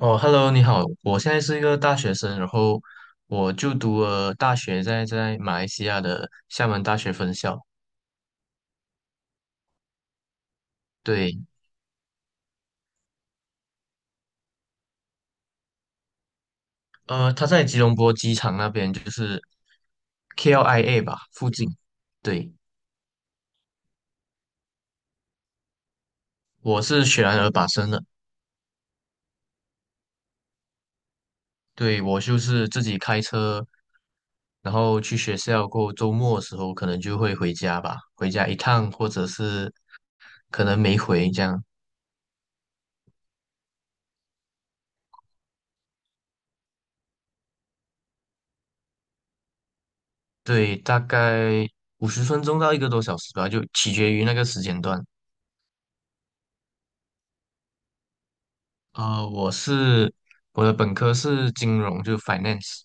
哦，Hello，你好，我现在是一个大学生，然后我就读了大学在马来西亚的厦门大学分校，对。他在吉隆坡机场那边，就是 KLIA 吧附近，对，我是雪兰莪巴生的。对，我就是自己开车，然后去学校，过后周末的时候可能就会回家吧，回家一趟或者是可能没回这样。对，大概50分钟到一个多小时吧，就取决于那个时间段。呃，我是我的本科是金融，就 finance。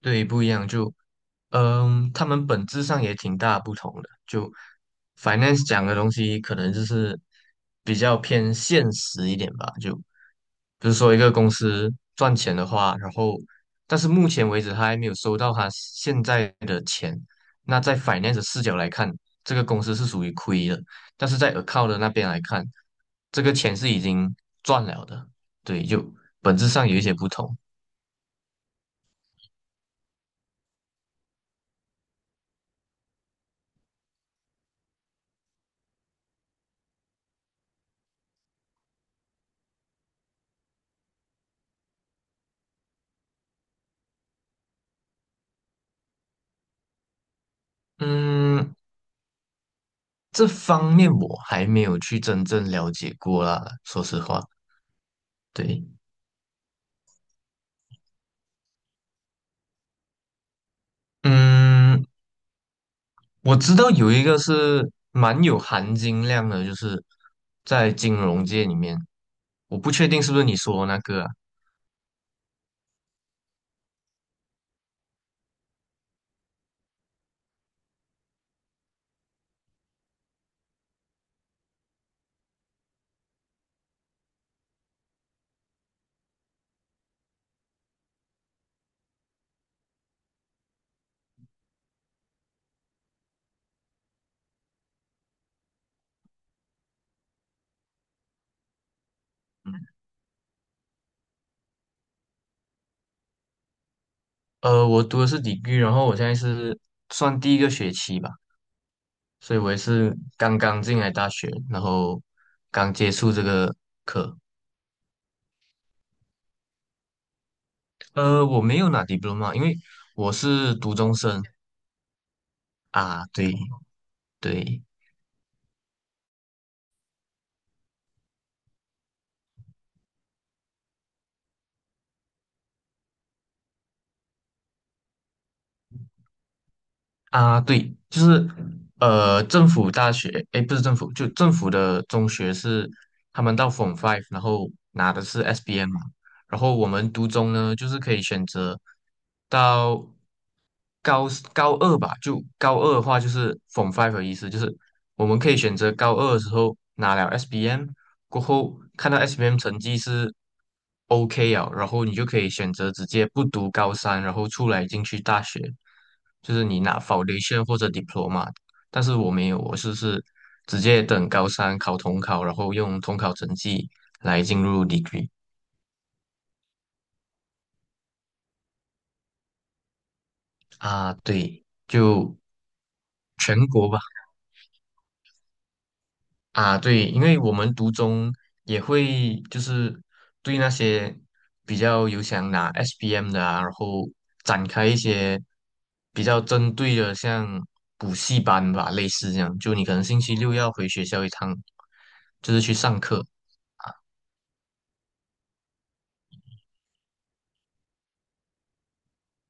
对，不一样，就他们本质上也挺大不同的。就 finance 讲的东西，可能就是比较偏现实一点吧。就比如说一个公司赚钱的话，然后但是目前为止他还没有收到他现在的钱，那在 finance 的视角来看，这个公司是属于亏的。但是在 account 的那边来看，这个钱是已经赚了的。对，就本质上有一些不同。嗯，这方面我还没有去真正了解过啦，说实话，对。嗯，我知道有一个是蛮有含金量的，就是在金融界里面，我不确定是不是你说的那个啊。我读的是 degree,然后我现在是算第一个学期吧，所以我也是刚刚进来大学，然后刚接触这个课。我没有拿 diploma,因为我是读中生啊，对对。啊，对，就是政府大学，诶，不是政府，就政府的中学是他们到 Form Five,然后拿的是 SBM 嘛。然后我们读中呢，就是可以选择到高二吧，就高二的话就是 Form Five 的意思，就是我们可以选择高二的时候拿了 SBM,过后看到 SBM 成绩是 OK 啊，然后你就可以选择直接不读高三，然后出来进去大学，就是你拿 Foundation 或者 Diploma。但是我没有，我是直接等高三考统考，然后用统考成绩来进入 degree。啊，对，就全国吧。啊，对，因为我们读中也会就是对那些比较有想拿 SPM 的啊，然后展开一些比较针对的，像补习班吧，类似这样。就你可能星期六要回学校一趟，就是去上课。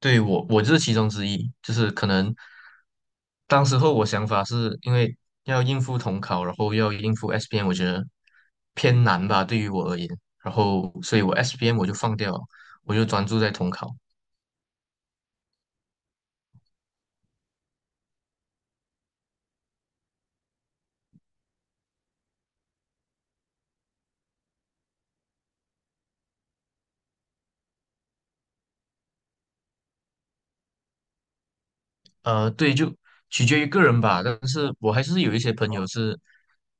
对，我就是其中之一，就是可能当时候我想法是因为要应付统考，然后要应付 SPM,我觉得偏难吧，对于我而言，然后所以我 SPM 我就放掉了，我就专注在统考。对，就取决于个人吧，但是我还是有一些朋友是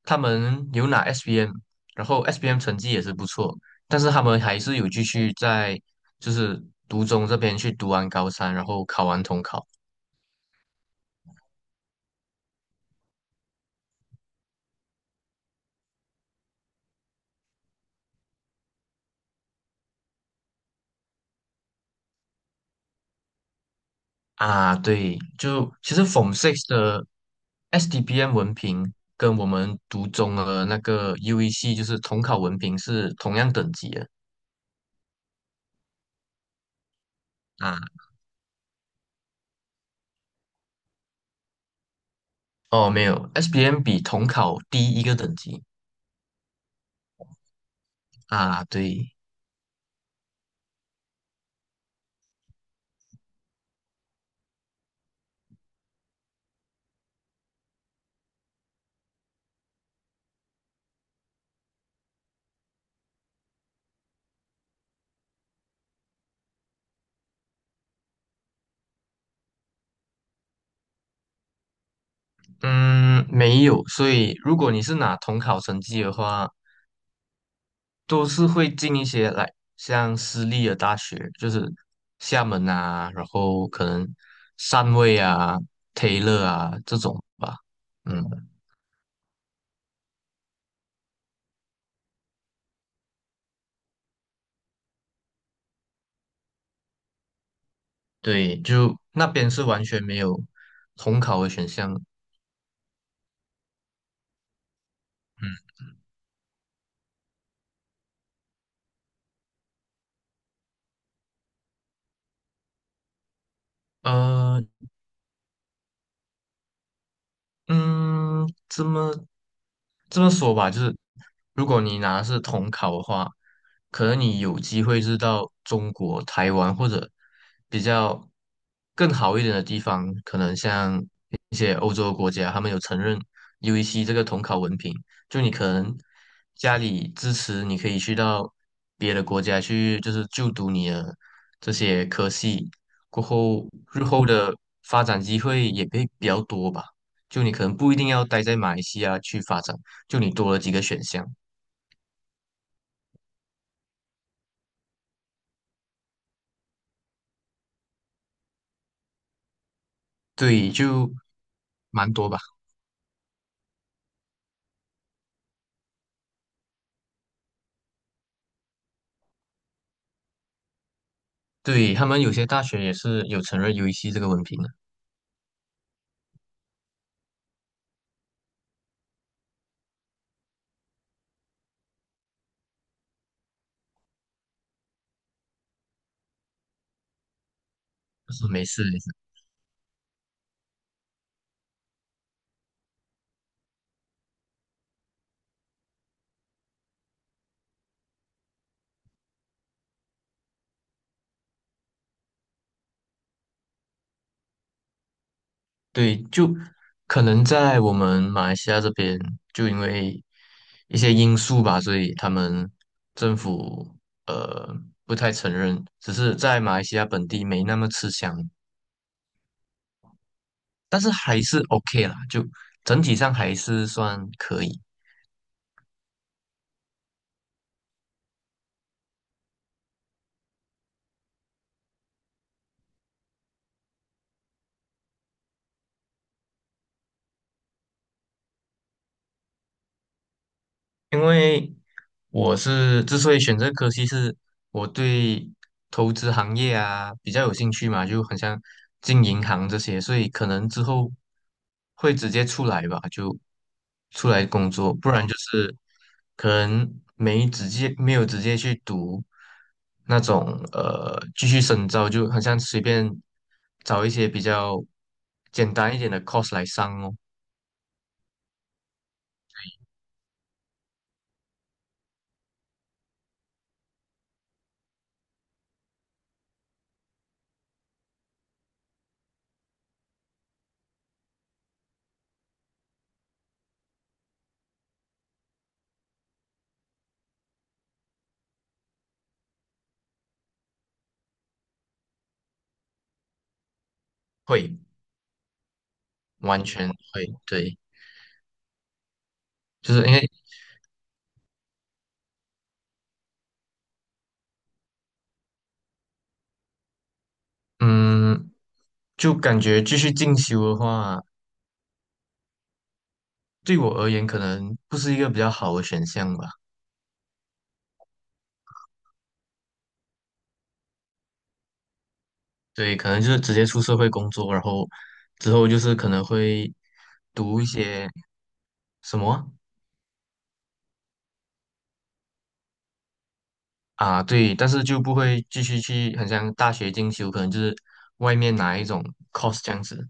他们有拿 SPM,然后 SPM 成绩也是不错，但是他们还是有继续在就是读中这边去读完高三，然后考完统考。啊，对，就其实 Form Six 的 SDBM 文凭跟我们读中的那个 UEC 就是统考文凭是同样等级的啊。哦，没有 SBM 比统考低一个等级啊。对。嗯，没有。所以如果你是拿统考成绩的话，都是会进一些来像私立的大学，就是厦门啊，然后可能汕尾啊、Taylor 啊这种吧。嗯。对，就那边是完全没有统考的选项。嗯，呃，嗯，这么这么说吧，就是如果你拿的是统考的话，可能你有机会是到中国、台湾或者比较更好一点的地方，可能像一些欧洲国家，他们有承认 UEC 这个统考文凭，就你可能家里支持，你可以去到别的国家去，就是就读你的这些科系，过后日后的发展机会也会比较多吧。就你可能不一定要待在马来西亚去发展，就你多了几个选项。对，就蛮多吧。对，他们有些大学也是有承认 UEC 这个文凭的，就是没事没事。对，就可能在我们马来西亚这边，就因为一些因素吧，所以他们政府呃不太承认，只是在马来西亚本地没那么吃香，但是还是 OK 啦，就整体上还是算可以。因为我是之所以选择科系，是我对投资行业啊比较有兴趣嘛，就很像进银行这些，所以可能之后会直接出来吧，就出来工作。不然就是可能没直接没有直接去读那种继续深造，就很像随便找一些比较简单一点的 course 来上哦。会完全会对。就是因为嗯，就感觉继续进修的话，对我而言可能不是一个比较好的选项吧。对，可能就是直接出社会工作，然后之后就是可能会读一些什么啊。对，但是就不会继续去，很像大学进修，可能就是外面拿一种 course 这样子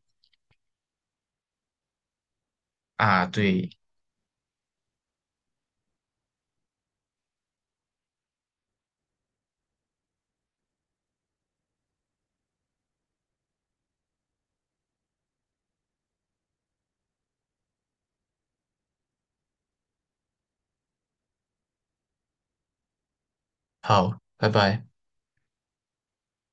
啊。对，好，拜拜。